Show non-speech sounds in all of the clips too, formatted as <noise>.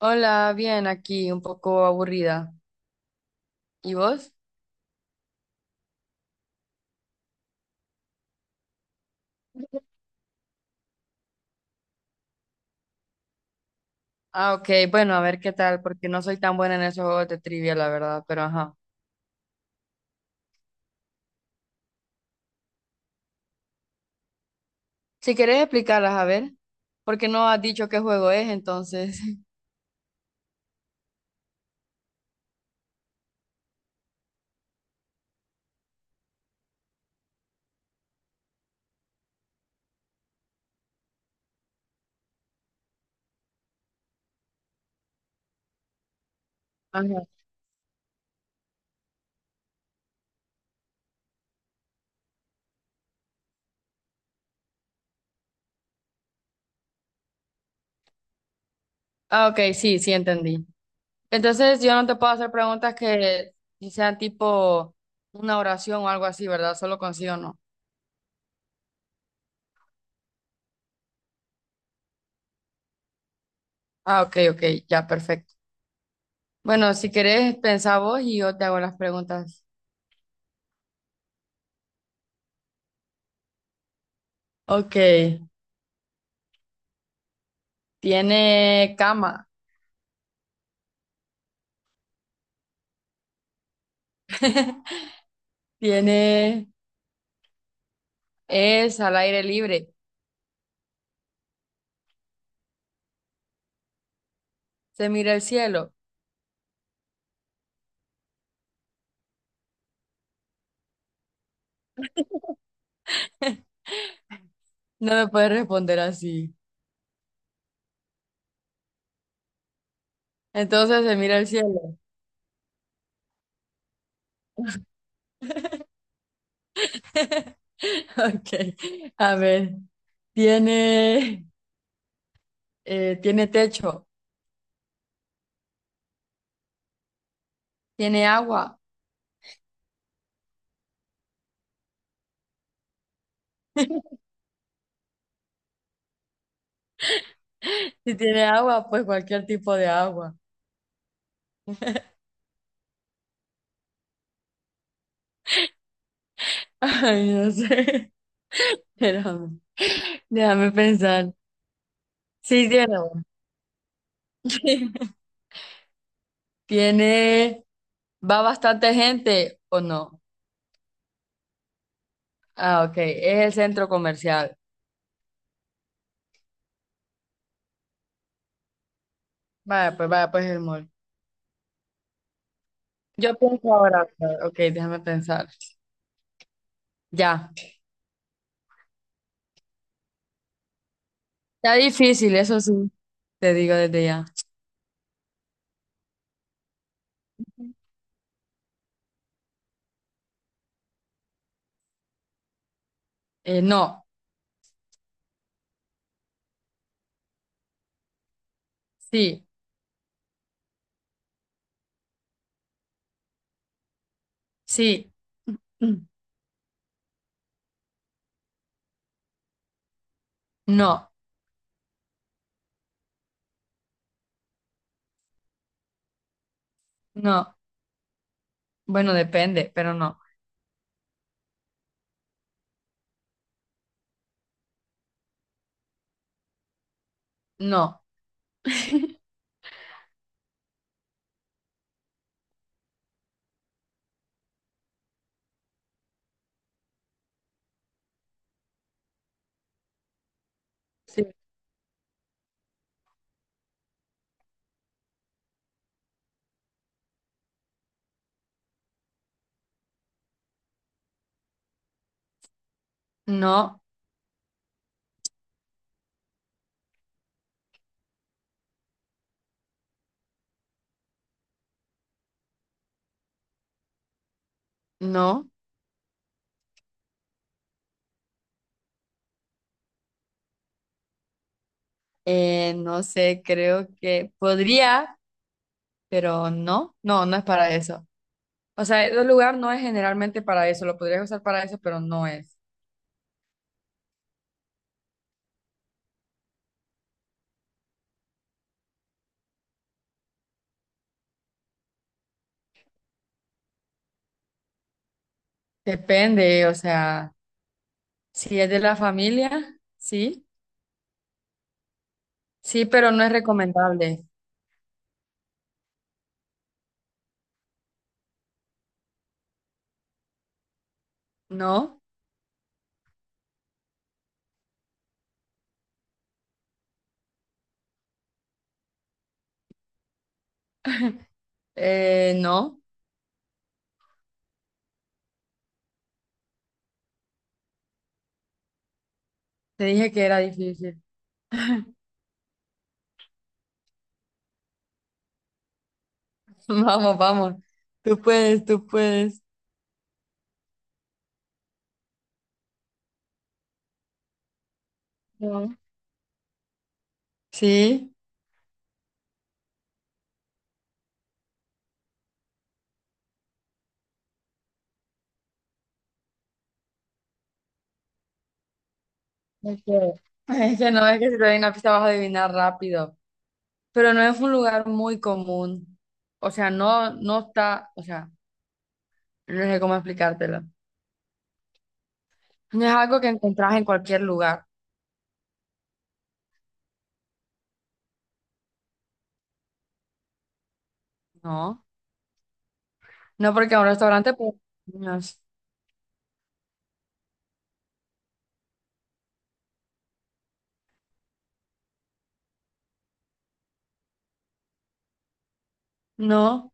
Hola, bien, aquí un poco aburrida. ¿Y vos? Ok, bueno, a ver qué tal, porque no soy tan buena en esos juegos de trivia, la verdad, pero ajá. Si querés explicarlas, a ver, porque no has dicho qué juego es, entonces. <laughs> Ajá. Ok, sí, sí, entendí. Entonces, yo no te puedo hacer preguntas que sean tipo una oración o algo así, ¿verdad? Solo con sí o no. Ok, ok, ya, perfecto. Bueno, si querés, pensá vos y yo te hago las preguntas. Ok, ¿tiene cama? ¿Tiene Es al aire libre. Se mira el cielo. <laughs> No me puedes responder así. Entonces se mira el cielo. <laughs> Ok. A ver. Tiene, tiene techo. Tiene agua. Si tiene agua, pues cualquier tipo de agua. <laughs> Ay, no sé. <laughs> Espérame. Déjame pensar. Sí, tiene agua. <laughs> Tiene, va bastante gente o no. Ok. Es el centro comercial. Vaya, pues el mall. Yo pienso ahora. Ok, déjame pensar. Ya. Está difícil, eso sí. Te digo desde ya. No, sí, sí, <clears throat> mm, no, no. Bueno, depende, pero no. No, sí, no, no. No sé, creo que podría, pero no, no, no es para eso. O sea, el lugar no es generalmente para eso, lo podrías usar para eso, pero no es. Depende, o sea, si es de la familia, sí. Sí, pero no es recomendable. No, no. Te dije que era difícil. <laughs> Vamos, vamos. Tú puedes, tú puedes. No. Sí. Es que, es que no, es que si te doy una pista vas a adivinar rápido. Pero no es un lugar muy común. O sea, no, no está, o sea, no sé cómo explicártelo. No es algo que encontrás en cualquier lugar. No. No porque a un restaurante, pues, no, no,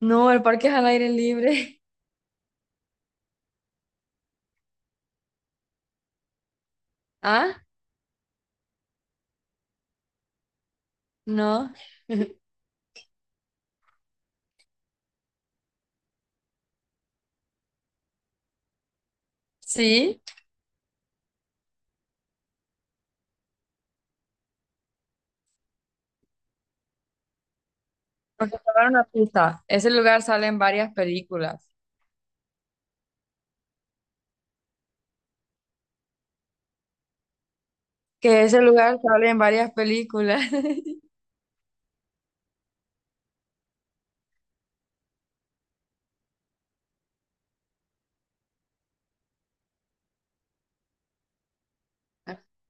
no, el parque es al aire libre. <laughs> ¿Ah? No. Sí. Porque te voy una pista. Ese lugar sale en varias películas. Que ese lugar sale en varias películas. <laughs>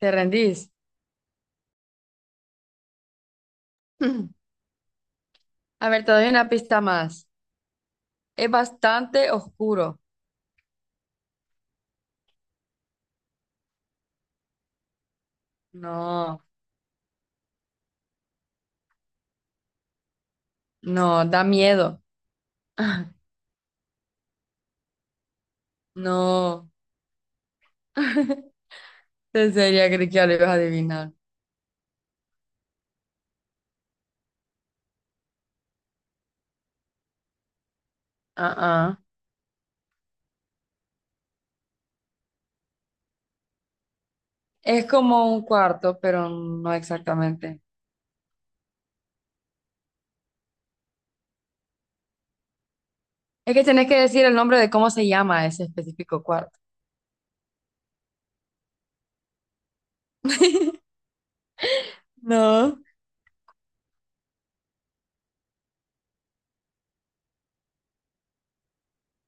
¿Te rendís? <clears throat> A ver, te doy una pista más. Es bastante oscuro. No, no, da miedo. <laughs> No. <laughs> En serio, creí que ya lo ibas a adivinar. Ah, ah. Es como un cuarto, pero no exactamente. Es que tenés que decir el nombre de cómo se llama ese específico cuarto. No.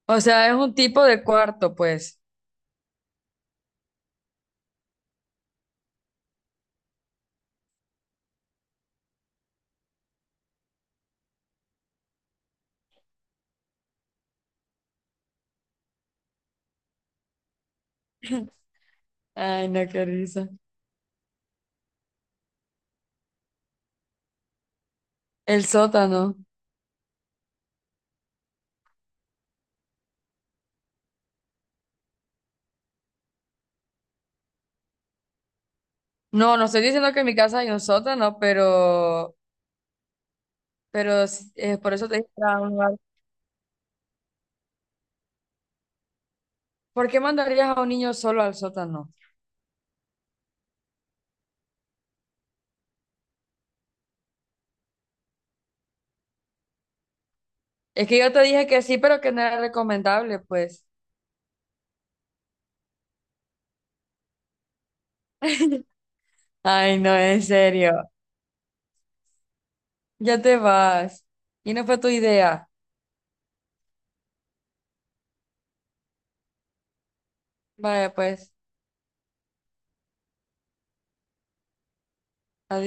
O sea, es un tipo de cuarto, pues. Ay, no, qué risa. El sótano. No, no estoy diciendo que en mi casa hay un sótano, pero por eso te dije que era un lugar. ¿Por qué mandarías a un niño solo al sótano? Es que yo te dije que sí, pero que no era recomendable, pues. <laughs> Ay, no, en serio. Ya te vas. Y no fue tu idea. Vaya, pues. Adiós.